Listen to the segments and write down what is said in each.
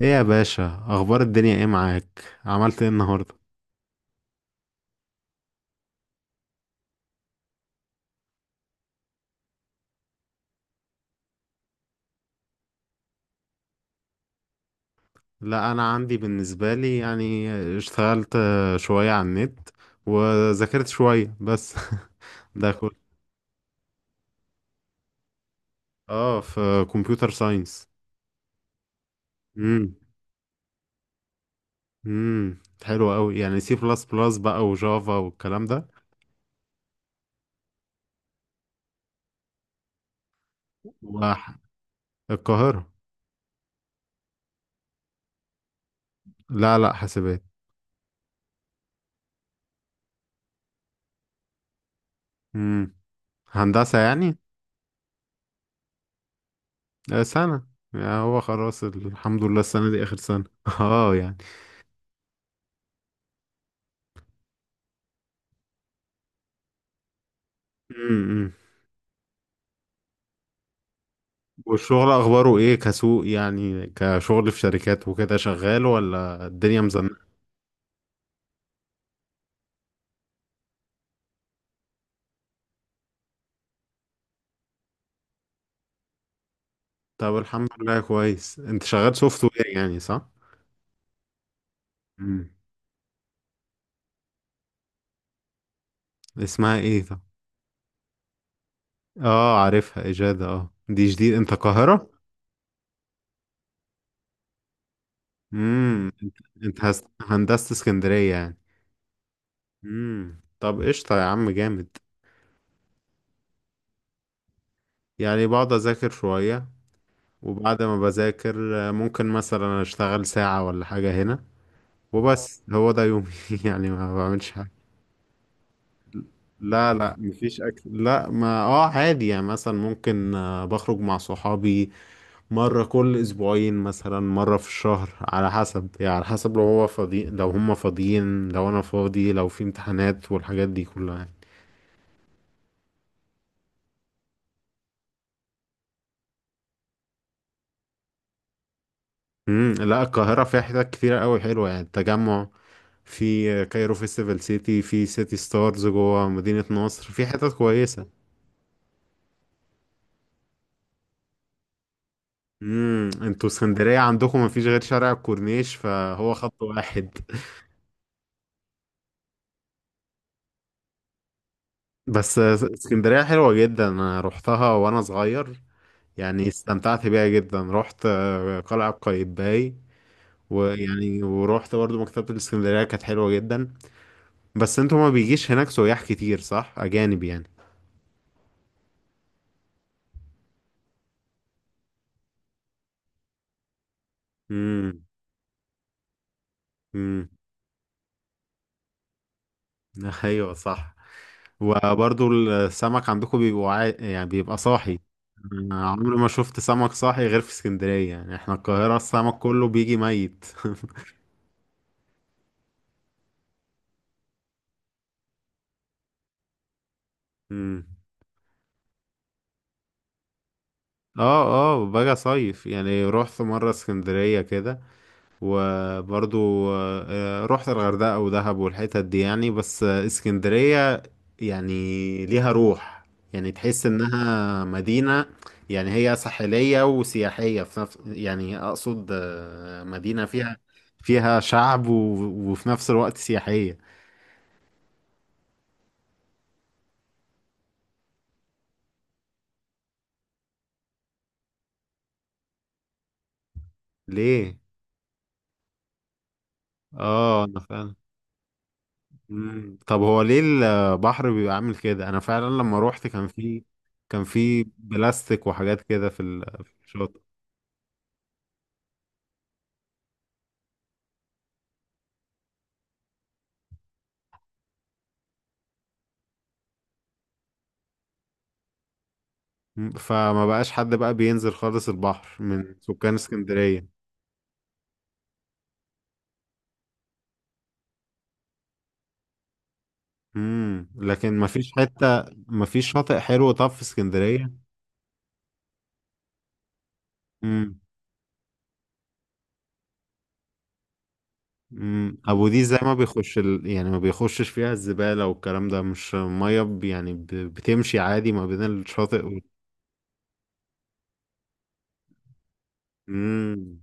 ايه يا باشا، اخبار الدنيا؟ ايه معاك؟ عملت ايه النهارده؟ لا انا عندي بالنسبه لي اشتغلت شويه على النت وذاكرت شويه بس ده كله. اه، في كمبيوتر ساينس. امم امم حلو قوي، يعني سي بلس بلس بقى وجافا والكلام ده. والقاهره. لا لا، حاسبات. امم هندسه يعني. سنه يعني، هو خلاص الحمد لله السنه دي اخر سنه اه يعني. امم والشغل اخباره ايه؟ كسوق يعني، كشغل في شركات وكده، شغال ولا الدنيا مزنقه؟ طب الحمد لله، كويس. انت شغال سوفت وير يعني، صح؟ امم اسمها ايه طب؟ اه، عارفها، اجاده. اه دي جديد؟ انت القاهره؟ انت انت هندسه اسكندريه يعني؟ طب قشطه يا عم، جامد. يعني بقعد اذاكر شويه، وبعد ما بذاكر ممكن مثلا اشتغل ساعه ولا حاجه هنا، وبس هو ده يومي. يعني ما بعملش حاجه. لا لا، مفيش اكل، لا ما اه عادي يعني، مثلا ممكن بخرج مع صحابي مرة كل اسبوعين، مثلا مرة في الشهر على حسب، يعني على حسب لو هو فاضي، لو هم فاضيين، لو انا فاضي، لو في امتحانات والحاجات دي كلها يعني. لا، القاهرة فيها حتت كتيرة قوي حلوة، يعني التجمع، في كايرو فيستيفال سيتي، في سيتي ستارز جوه مدينة نصر، في حتت كويسة. انتوا اسكندرية عندكم مفيش غير شارع الكورنيش، فهو خط واحد. بس اسكندرية حلوة جدا، أنا روحتها وأنا صغير، يعني استمتعت بيها جدا. روحت قلعة قايتباي، ويعني ورحت برضو مكتبة الاسكندرية، كانت حلوة جدا. بس انتوا ما بيجيش هناك سياح كتير، صح؟ أجانب يعني. امم امم أيوة صح. وبرضو السمك عندكم بيبقى يعني بيبقى صاحي. أنا عمري ما شفت سمك صاحي غير في اسكندرية، يعني احنا القاهرة السمك كله بيجي ميت. امم اه اه، باجي صيف يعني، رحت مرة اسكندرية كده، وبرضو رحت الغردقة ودهب والحتت دي يعني، بس اسكندرية يعني ليها روح، يعني تحس انها مدينة، يعني هي ساحلية وسياحية في نفس، يعني اقصد مدينة فيها فيها شعب وفي نفس الوقت سياحية. ليه؟ اه انا فاهم. مم. طب هو ليه البحر بيبقى عامل كده؟ انا فعلا لما روحت كان في، كان في بلاستيك وحاجات كده في الشاطئ. مم. فما بقاش حد بقى بينزل خالص البحر من سكان اسكندرية؟ لكن ما فيش حتة، ما فيش شاطئ حلو طب في اسكندرية؟ امم ابو دي زي ما بيخش يعني ما بيخشش فيها الزبالة والكلام ده؟ مش مية يعني بتمشي عادي ما بين الشاطئ امم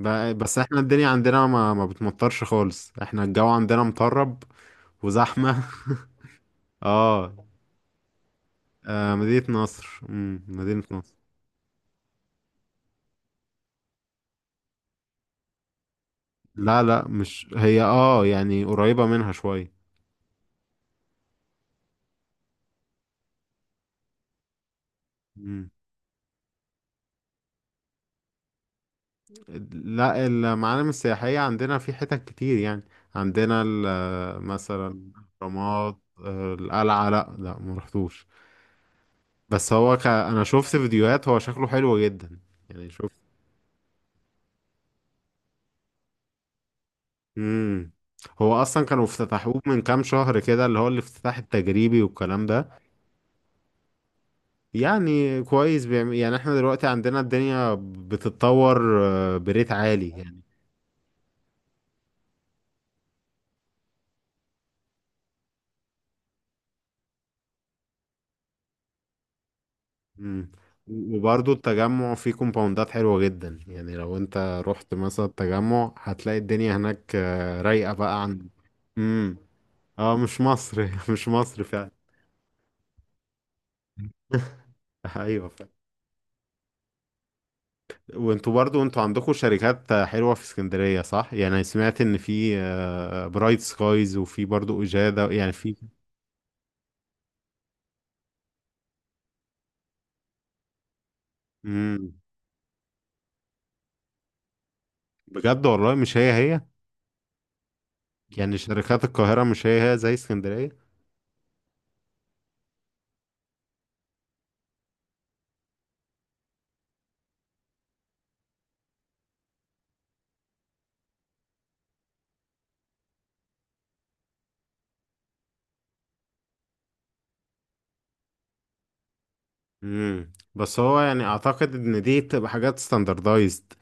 ده بس احنا الدنيا عندنا ما، ما بتمطرش خالص، احنا الجو عندنا مطرب وزحمة. اه. مدينة نصر. مم. مدينة نصر. لا لا مش هي، اه يعني قريبة منها شوية. مم. لا، المعالم السياحية عندنا في حتت كتير يعني، عندنا مثلا الأهرامات، القلعة. لا لا ما رحتوش، بس انا شفت فيديوهات، هو شكله حلو جدا يعني، شفت. امم هو اصلا كانوا افتتحوه من كام شهر كده، اللي هو الافتتاح التجريبي والكلام ده. يعني كويس، بيعمل يعني، احنا دلوقتي عندنا الدنيا بتتطور بريت عالي يعني. امم وبرضه التجمع فيه كومباوندات حلوة جدا، يعني لو انت رحت مثلا التجمع هتلاقي الدنيا هناك رايقة بقى عن. امم اه، مش مصر مش مصر فعلا. ايوه. وانتوا برضو انتوا عندكم شركات حلوة في اسكندرية، صح؟ يعني سمعت ان في برايت سكايز، وفي برضو اجادة يعني، في. امم بجد؟ والله مش هي هي؟ يعني شركات القاهرة مش هي هي زي اسكندرية؟ بس هو يعني اعتقد ان دي بتبقى حاجات ستاندردايزد،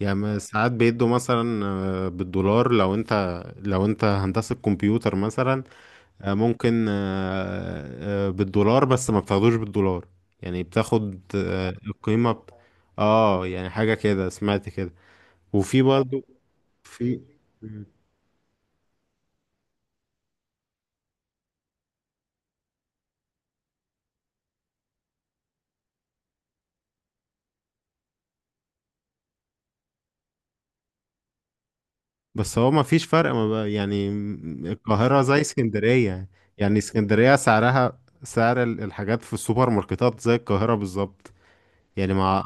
يعني ما ساعات بيدوا مثلا بالدولار، لو انت هندسة كمبيوتر مثلا، ممكن بالدولار، بس ما بتاخدوش بالدولار، يعني بتاخد القيمة اه يعني حاجة كده، سمعت كده. وفي برضو، في. بس هو ما فيش فرق ما بقى يعني؟ القاهرة زي اسكندرية يعني؟ اسكندرية سعرها سعر الحاجات في السوبر ماركتات زي القاهرة بالظبط، يعني ما.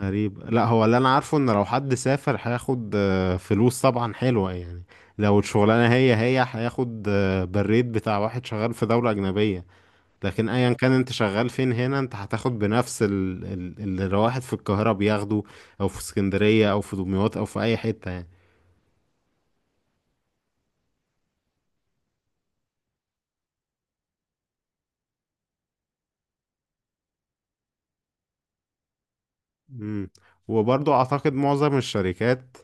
غريب. لا هو اللي انا عارفه ان لو حد سافر هياخد فلوس طبعا حلوة يعني، لو الشغلانة هي هي هياخد بالريت بتاع واحد شغال في دولة أجنبية، لكن أيا كان أنت شغال فين هنا أنت هتاخد بنفس اللي الواحد في القاهرة بياخده، أو في اسكندرية، أو في دمياط، أو في أي حتة يعني. مم. وبرضو أعتقد معظم الشركات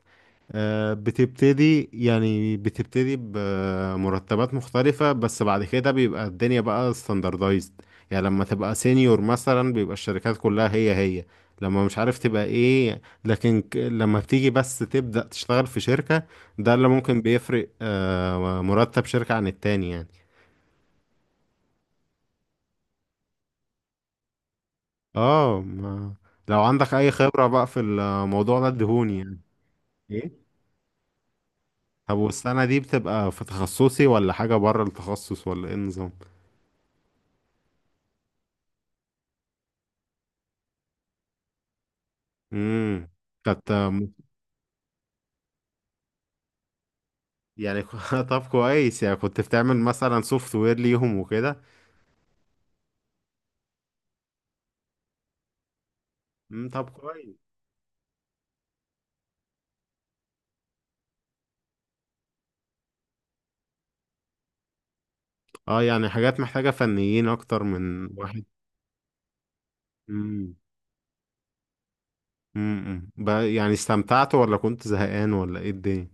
بتبتدي، بتبتدي بمرتبات مختلفة، بس بعد كده بيبقى الدنيا بقى ستاندردايزد، يعني لما تبقى سينيور مثلا بيبقى الشركات كلها هي هي، لما مش عارف تبقى ايه، لكن لما بتيجي بس تبدأ تشتغل في شركة، ده اللي ممكن بيفرق مرتب شركة عن التاني يعني. اه ما، لو عندك اي خبرة بقى في الموضوع ده ادهوني يعني. ايه؟ طب والسنة دي بتبقى في تخصصي ولا حاجة بره التخصص ولا ايه النظام؟ امم كانت يعني طب كويس، يعني كنت بتعمل مثلا سوفت وير ليهم وكده. طب كويس. اه يعني حاجات محتاجة فنيين اكتر من واحد. امم يعني استمتعت ولا كنت زهقان ولا ايه الدنيا؟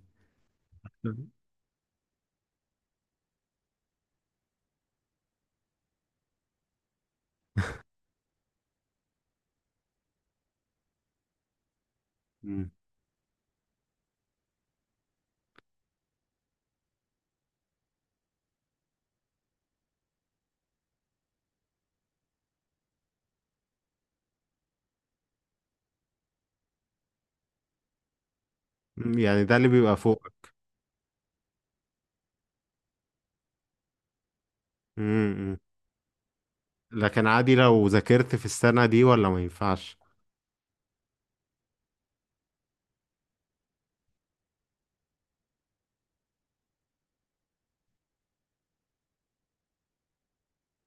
امم يعني ده اللي بيبقى فوق. امم لكن عادي لو ذاكرت في السنة دي ولا ما ينفعش؟